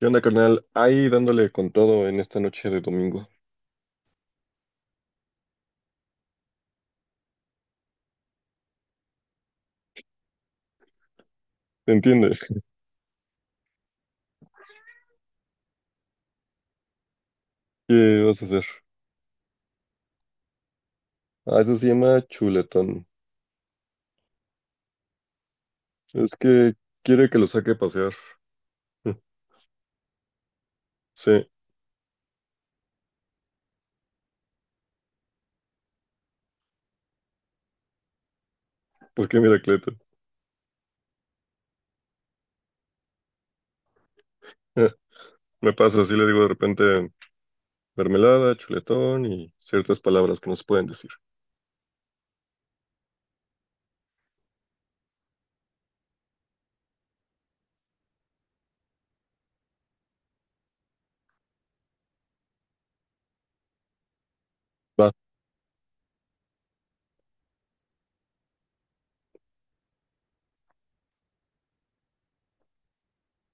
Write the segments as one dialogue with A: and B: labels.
A: ¿Qué onda, carnal? Ahí dándole con todo en esta noche de domingo. ¿Te entiende? ¿Qué vas a hacer? Ah, eso se llama chuletón. Es que quiere que lo saque a pasear. Sí, porque mira, Cleto. Me pasa, así le digo de repente mermelada, chuletón y ciertas palabras que no se pueden decir. Va.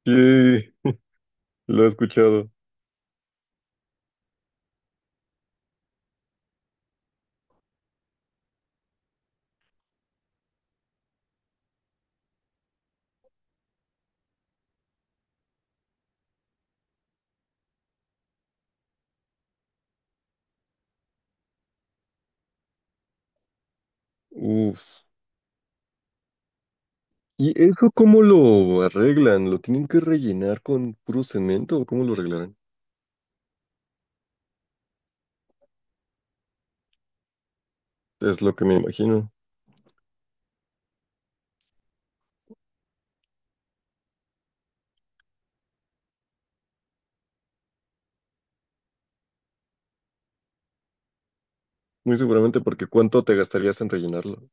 A: Sí, lo he escuchado. Uf. ¿Y eso cómo lo arreglan? ¿Lo tienen que rellenar con puro cemento o cómo lo arreglarán? Es lo que me imagino. Muy seguramente porque ¿cuánto te gastarías en rellenarlo?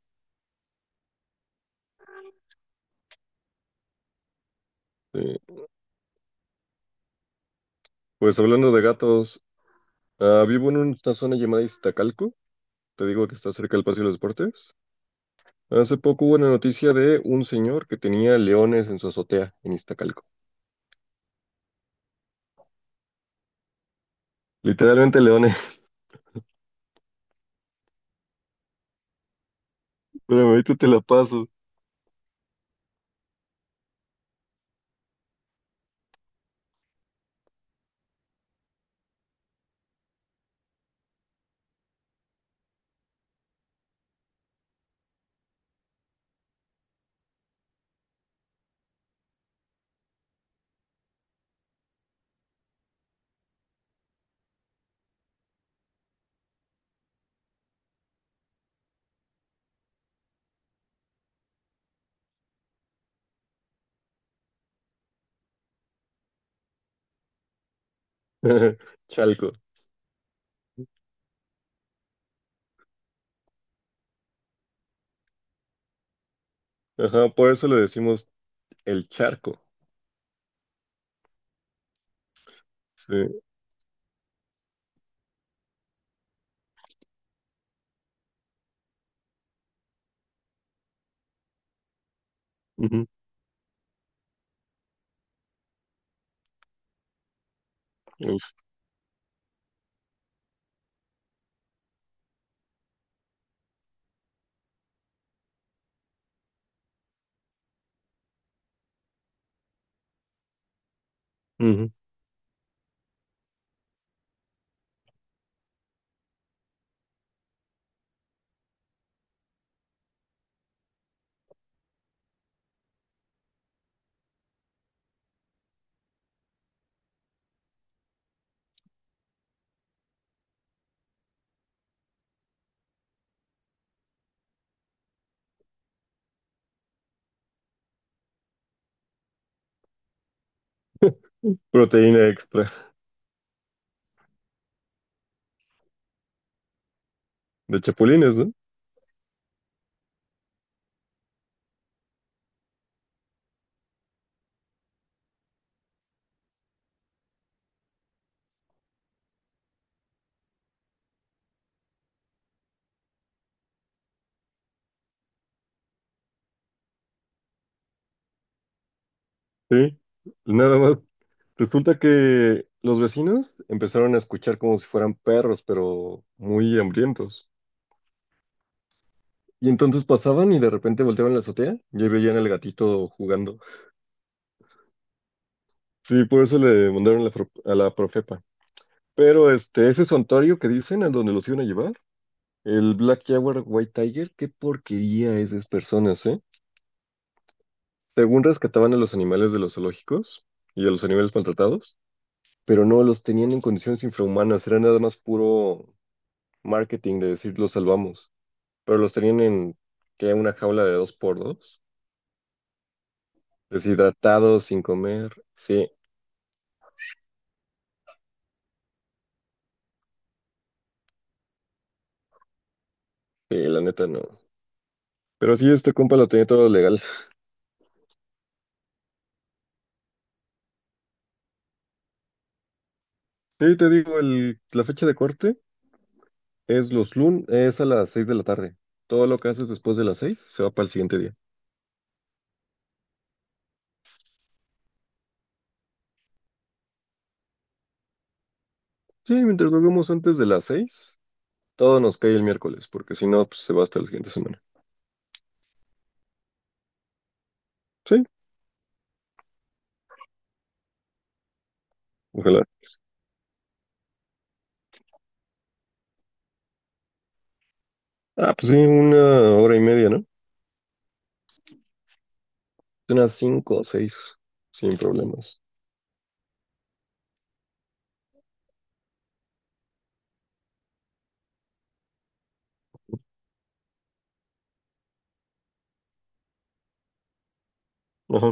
A: Sí. Pues hablando de gatos, ah, vivo en una zona llamada Iztacalco, te digo que está cerca del Paseo de los Deportes. Hace poco hubo una noticia de un señor que tenía leones en su azotea en Iztacalco. Literalmente leones, pero ahorita te la paso. Chalco. Ajá, por eso le decimos el charco. Sí. Ujú, ujú. Proteína extra de chapulines, ¿no? Sí. Nada más. Resulta que los vecinos empezaron a escuchar como si fueran perros, pero muy hambrientos. Y entonces pasaban y de repente volteaban la azotea y ahí veían al gatito jugando. Sí, por eso le mandaron la a la profepa. Pero este, ese santuario que dicen, a donde los iban a llevar, el Black Jaguar White Tiger, qué porquería es de esas personas, ¿eh? Según rescataban a los animales de los zoológicos y a los animales maltratados, pero no los tenían en condiciones infrahumanas, era nada más puro marketing de decir los salvamos. Pero los tenían en que una jaula de dos por dos, deshidratados, sin comer. Sí, sí, la neta no. Pero sí, este compa lo tenía todo legal. Sí, te digo, el, la fecha de corte es los lunes, es a las 6 de la tarde. Todo lo que haces después de las 6 se va para el siguiente día. Sí, mientras lo hagamos antes de las 6, todo nos cae el miércoles, porque si no, pues se va hasta la siguiente semana. Sí, ojalá. Ah, pues sí, una hora y media, ¿no? Unas cinco o seis, sin problemas. Ajá,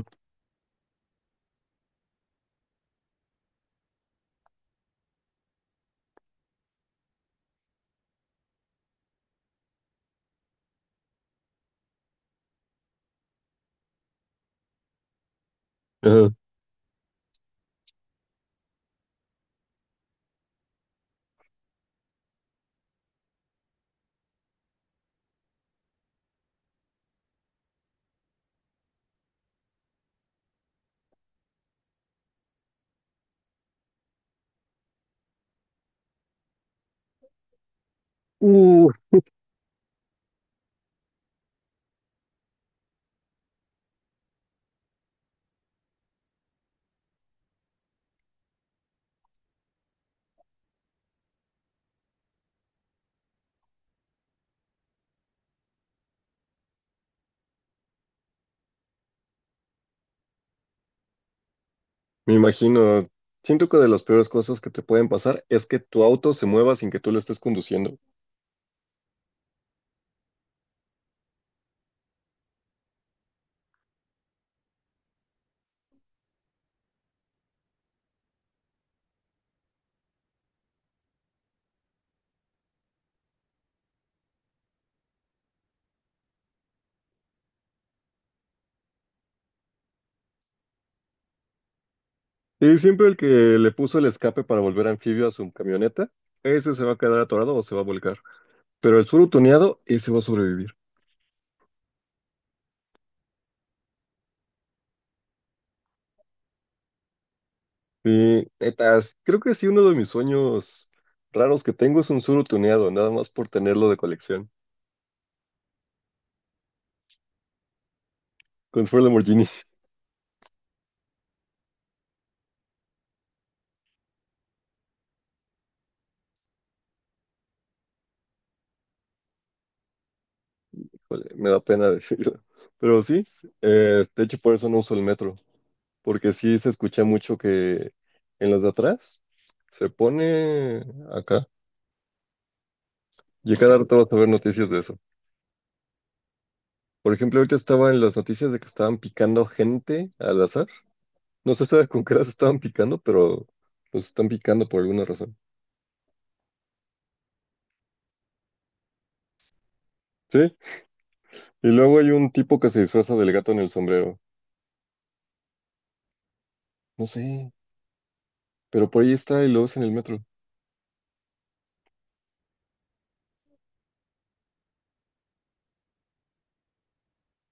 A: ajá. Uh, me imagino, siento que de las peores cosas que te pueden pasar es que tu auto se mueva sin que tú lo estés conduciendo. Y siempre el que le puso el escape para volver anfibio a su camioneta, ese se va a quedar atorado o se va a volcar. Pero el surutoneado, ese va a sobrevivir. Y netas, creo que sí, uno de mis sueños raros que tengo es un surutoneado, nada más por tenerlo de colección. Con su Lamborghini. Híjole, me da pena decirlo. Pero sí, de hecho por eso no uso el metro. Porque sí se escucha mucho que en los de atrás se pone acá. Y cada rato vas a ver noticias de eso. Por ejemplo, ahorita estaba en las noticias de que estaban picando gente al azar. No se sabe con qué las estaban picando, pero los están picando por alguna razón. Sí, y luego hay un tipo que se disfraza del gato en el sombrero. No sé, pero por ahí está y lo ves en el metro.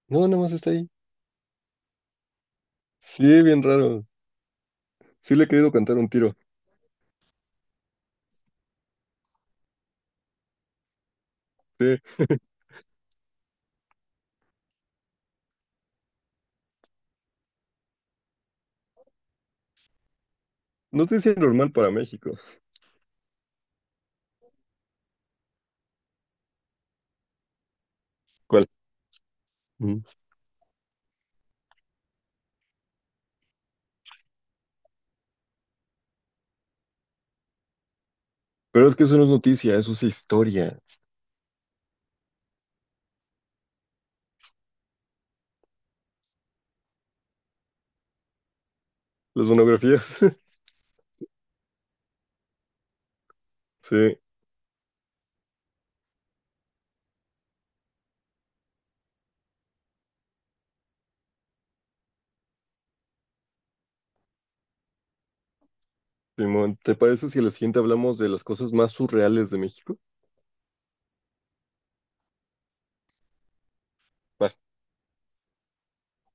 A: No, nada más está ahí. Sí, bien raro. Sí le he querido cantar un tiro. Sí, noticia normal para México. ¿Cuál? Pero es que eso no es noticia, eso es historia. Las monografías. Sí, Simón, ¿te parece si a la siguiente hablamos de las cosas más surreales de México?